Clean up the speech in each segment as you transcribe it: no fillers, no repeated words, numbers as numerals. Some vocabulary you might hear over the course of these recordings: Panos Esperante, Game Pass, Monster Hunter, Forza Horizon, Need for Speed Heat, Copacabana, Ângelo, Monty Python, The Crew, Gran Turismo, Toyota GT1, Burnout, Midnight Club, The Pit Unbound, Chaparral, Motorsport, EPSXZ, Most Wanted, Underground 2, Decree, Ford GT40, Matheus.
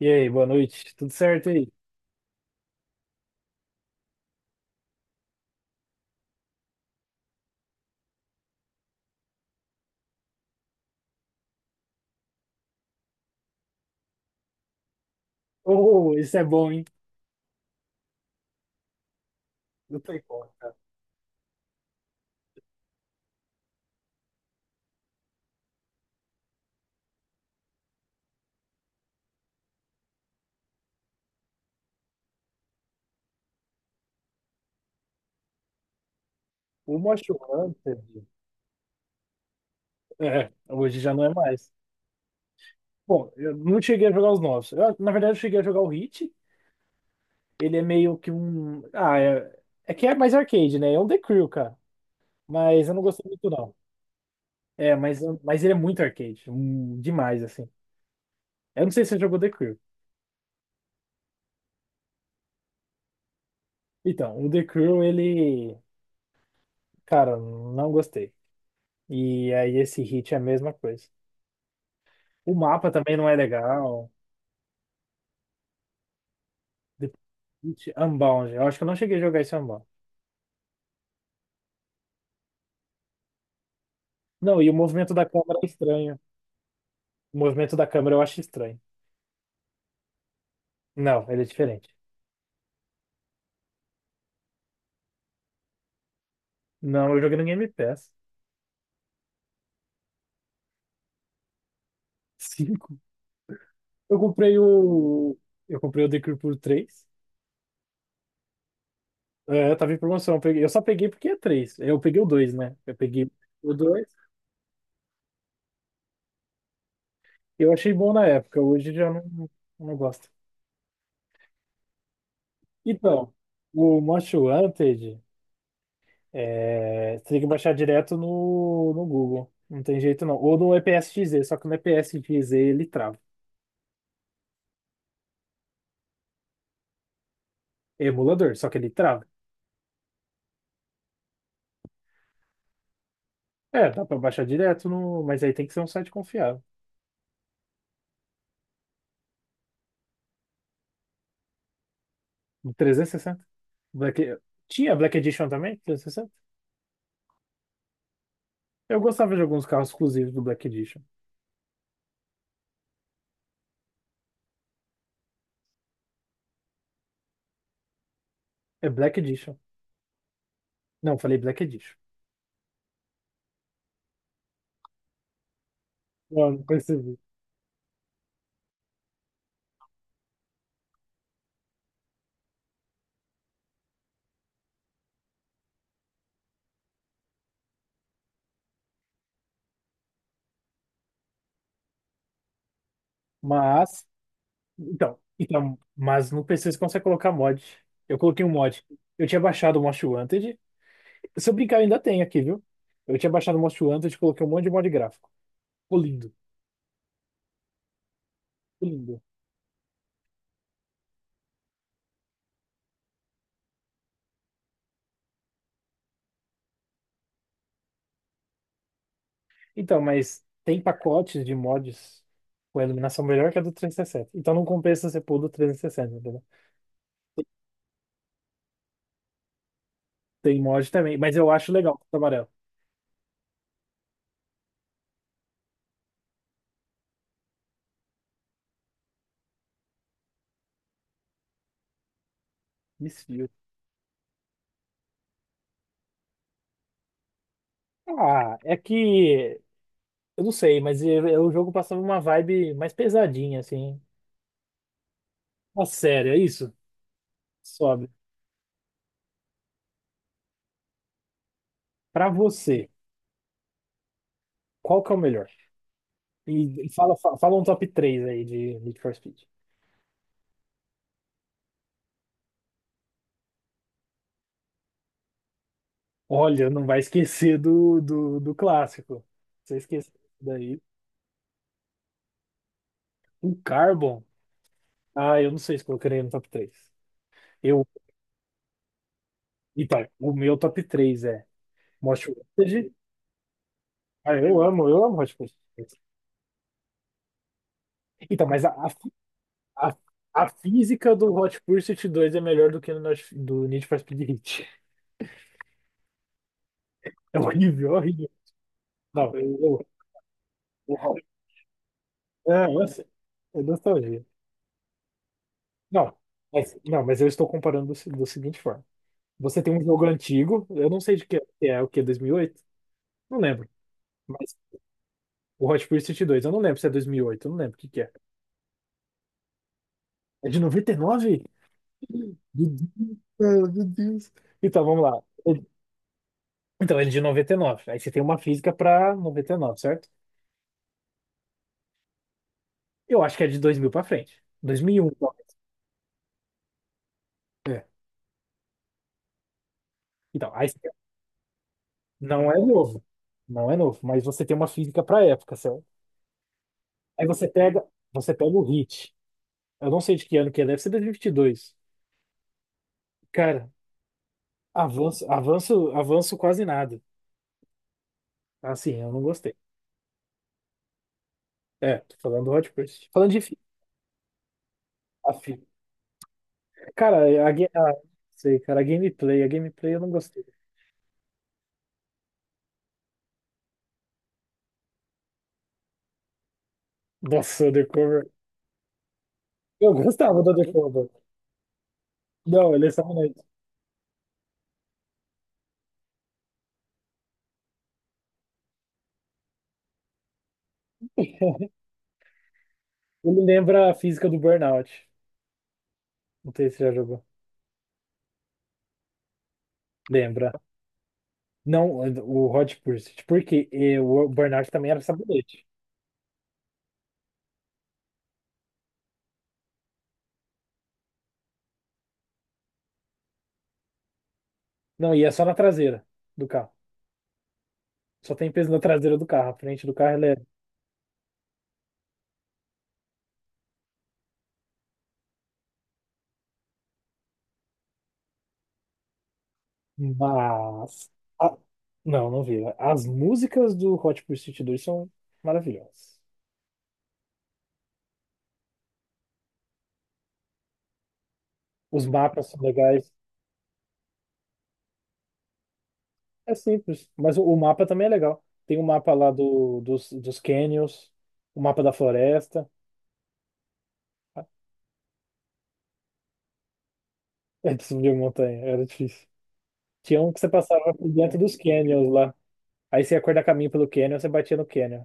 E aí, boa noite. Tudo certo aí? Oh, isso é bom, hein? Não tem como, cara. Uma chorando. É, hoje já não é mais. Bom, eu não cheguei a jogar os novos. Eu, na verdade, eu cheguei a jogar o Hit. Ele é meio que um. Ah, é, é que é mais arcade, né? É um The Crew, cara. Mas eu não gostei muito, não. É, mas ele é muito arcade, demais, assim. Eu não sei se você jogou The Crew. Então, o The Crew, ele. Cara, não gostei. E aí, esse Hit é a mesma coisa. O mapa também não é legal. The Pit Unbound. Eu acho que eu não cheguei a jogar esse Unbound. Não, e o movimento da câmera é estranho. O movimento da câmera eu acho estranho. Não, ele é diferente. Não, eu joguei no Game Pass. Cinco. Eu comprei o. Eu comprei o Decree por 3. É, tava em promoção. Eu peguei- eu só peguei porque é 3. Eu peguei o dois, né? Eu peguei o 2. Eu achei bom na época. Hoje já não, não gosto. Então, o Most Wanted. É, você tem que baixar direto no Google. Não tem jeito não. Ou no EPSXZ, só que no EPSXZ ele trava. É emulador, só que ele trava. É, dá pra baixar direto no, mas aí tem que ser um site confiável. No 360 Black... Tinha Black Edition também? 360. Eu gostava de alguns carros exclusivos do Black Edition. É Black Edition. Não, falei Black Edition. Não, não percebi. Mas, então, mas no PC você consegue colocar mod. Eu coloquei um mod. Eu tinha baixado o Most Wanted. Se eu brincar, eu ainda tem aqui, viu? Eu tinha baixado o Monster Hunter e coloquei um monte de mod gráfico. Ficou lindo, ficou lindo. Então, mas tem pacotes de mods com a iluminação melhor que a do 360. Então não compensa você pôr do 360, entendeu? Tem mod também, mas eu acho legal o amarelo. Desfio. Ah, é que. Eu não sei, mas o jogo passava uma vibe mais pesadinha, assim. Uma sério, é isso? Sobe. Pra você, qual que é o melhor? E fala um top 3 aí de Need for Speed. Olha, não vai esquecer do clássico. Você esqueceu daí. O Carbon. Ah, eu não sei se colocaria no top 3. Eu, então, o meu top 3 é Most Wanted. Ah, eu amo Hot Pursuit. Então, mas a, a a física do Hot Pursuit 2 é melhor do que no, Need- do Need for Speed Heat. É horrível, horrível. Não, eu, eu sei. É nostalgia. Não, não, mas eu estou comparando do, se- do seguinte forma. Você tem um jogo antigo, eu não sei de que é, o que, 2008? Não lembro. Mas o Hot Pursuit 2, eu não lembro se é 2008, eu não lembro o que que é. É de 99? Meu Deus, cara, meu Deus. Então, vamos lá. Ele- Então, ele é de 99. Aí você tem uma física pra 99, certo? Eu acho que é de 2000 pra frente. 2001, então. É. Então, aí você- não é novo. Não é novo, mas você tem uma física pra época, certo? Aí você pega o Hit. Eu não sei de que ano que é, deve ser 2022. Cara, avanço, avanço, avanço quase nada. Assim, eu não gostei. É, tô falando do Hot Pursuit. Falando de fi- a fi- Cara, a, ga- a, sei, cara, a gameplay eu não gostei. Nossa, o The Cover. Eu gostava do The Cover. Não, ele é samonete. Ele lembra a física do Burnout. Não sei se você já jogou. Lembra. Não, o Hot Pursuit. Porque o Burnout também era sabonete. Não, e é só na traseira do carro. Só tem peso na traseira do carro. A frente do carro Mas. A- Não, não vi. As músicas do Hot Pursuit 2 são maravilhosas. Os mapas são legais. É simples, mas o mapa também é legal. Tem o mapa lá do, dos canyons, o mapa da floresta. É de subir montanha, era difícil. Tinha um que você passava por dentro dos canyons lá. Aí você ia cortar caminho pelo canyon, você batia no canyon.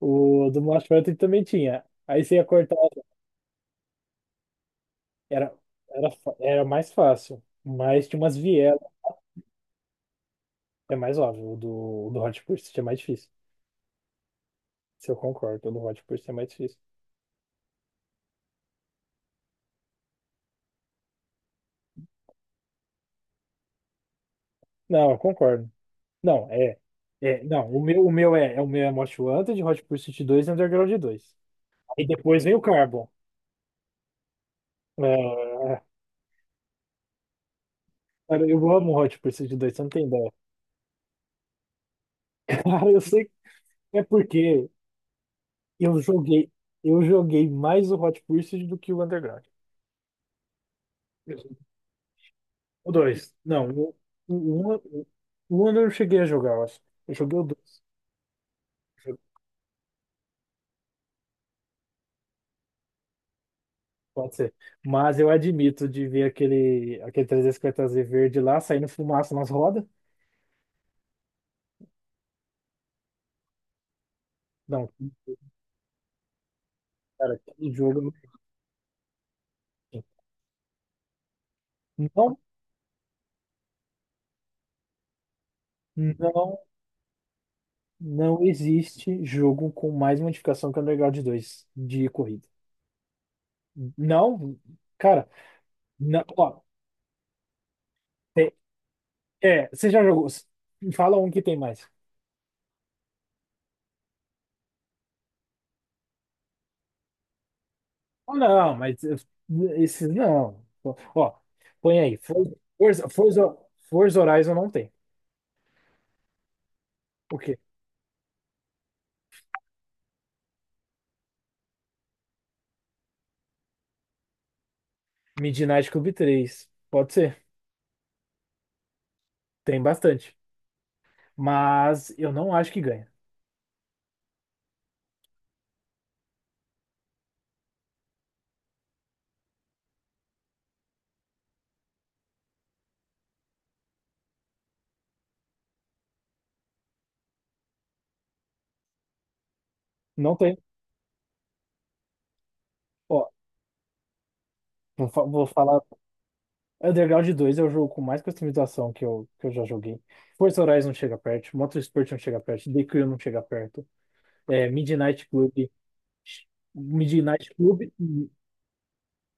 O do Monty Python também tinha. Aí você ia cortar, era, era mais fácil, mas tinha umas vielas, é mais óbvio. O do Hot Pursuit é mais difícil. Se eu concordo, o do Hot Pursuit é mais difícil. Não, eu concordo. Não, é. É, não, o meu é Most Wanted, Hot Pursuit 2 e Underground dois. Aí depois vem o Carbon. É, cara, eu amo o Hot Pursuit dois. Você não tem ideia. Cara, eu sei que é porque eu joguei, eu joguei mais o Hot Pursuit do que o Underground. O dois. Não, o, um- o eu não cheguei a jogar, eu acho. Eu joguei o dois. Pode ser. Mas eu admito de ver aquele 350Z verde lá saindo fumaça nas rodas. Não, cara, aquele jogo. Não, não, não existe jogo com mais modificação que o Underground 2 de corrida. Não, cara, não, ó, é, é, você já jogou? Fala um que tem mais. Ah, não, mas esses não. Ó, põe aí. Forza, Forza, Forza Horizon não tem. O quê? Midnight Club três. Pode ser. Tem bastante. Mas eu não acho que ganha. Não tem. Ó, vou falar. Underground dois é o jogo com mais customização que eu já joguei. Forza Horizon não chega perto. Motorsport não chega perto. The Crew não chega perto. É, Midnight Club. Midnight Club.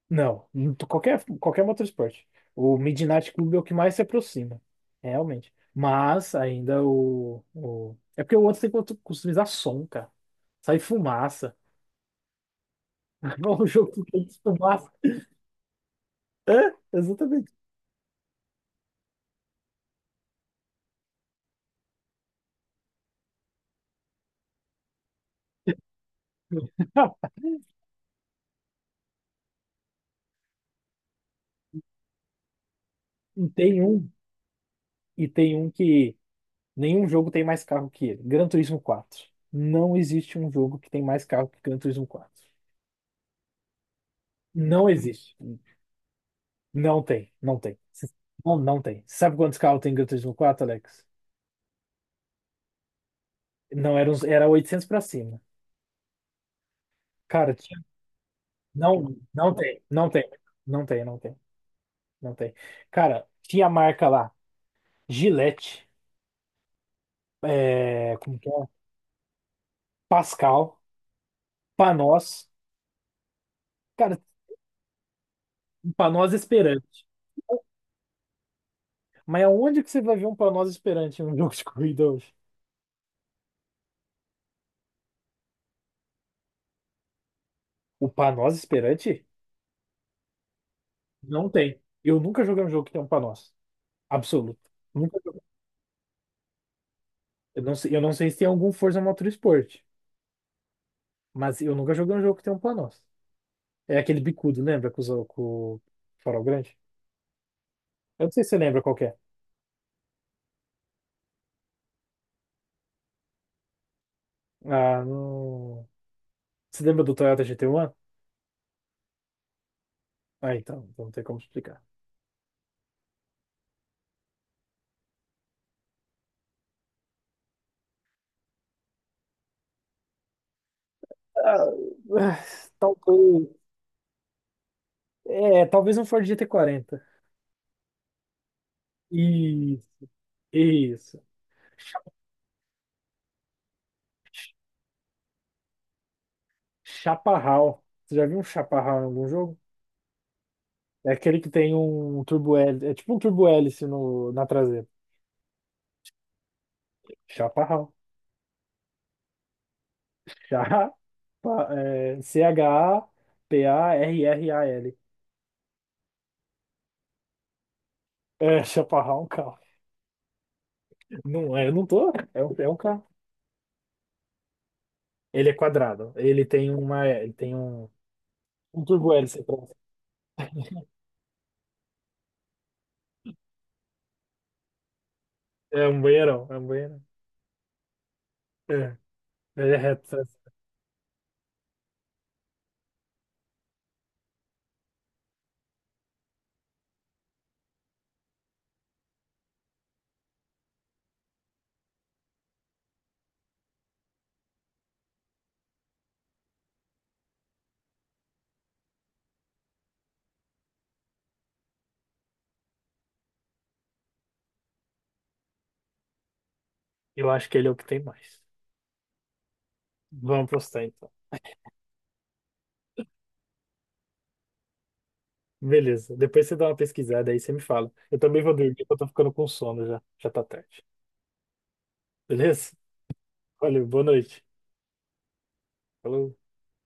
Não, não tô- qualquer motorsport. O Midnight Club é o que mais se aproxima, é, realmente. Mas ainda o... É porque o outro tem que customizar som, cara. Sai fumaça. É um jogo que tem fumaça. É, exatamente. E tem um, e tem um que nenhum jogo tem mais carro que ele. Gran Turismo quatro. Não existe um jogo que tem mais carro que Gran Turismo quatro. Não existe. Não tem, não tem. Não, não tem. Sabe quantos carros tem Gran Turismo quatro, Alex? Não, era, uns, era 800 pra cima. Cara, tinha, não, não tem, não tem, não tem, não tem, não tem. Cara, tinha marca lá, Gillette, é, como que é? Pascal, Panos. Cara, Panos Esperante. Mas aonde que você vai ver um Panos Esperante num jogo de corrida hoje? O Panos Esperante? Não tem. Eu nunca joguei um jogo que tem um Panos. Absoluto. Nunca joguei. Eu não sei se tem algum Forza Motorsport, mas eu nunca joguei um jogo que tem um Panos. É aquele bicudo, lembra? Com, os- com o farol grande? Eu não sei se você lembra qual que é. Ah, não... Você lembra do Toyota GT1? Ah, então não tem como explicar. Ah, ah, talvez. É, talvez um Ford GT40. Isso, isso. Cha- Chaparral. Você já viu um chaparral em algum jogo? É aquele que tem um turbo hélice. É tipo um turbo hélice no, na traseira. Chaparral. Chá, pa- é, C-H-A-P-A-R-R-A-L. É, chaparral é um carro. Não, é, eu não tô. É um carro. Ele é quadrado. Ele tem uma. Ele tem um turbo hélice atrás. É um banheirão. É um banheirão. É. Ele é reto. Sabe? Eu acho que ele é o que tem mais. Vamos postar então. Beleza. Depois você dá uma pesquisada aí, você me fala. Eu também vou dormir, porque eu tô ficando com sono já. Já tá tarde. Beleza? Valeu, boa noite. Falou.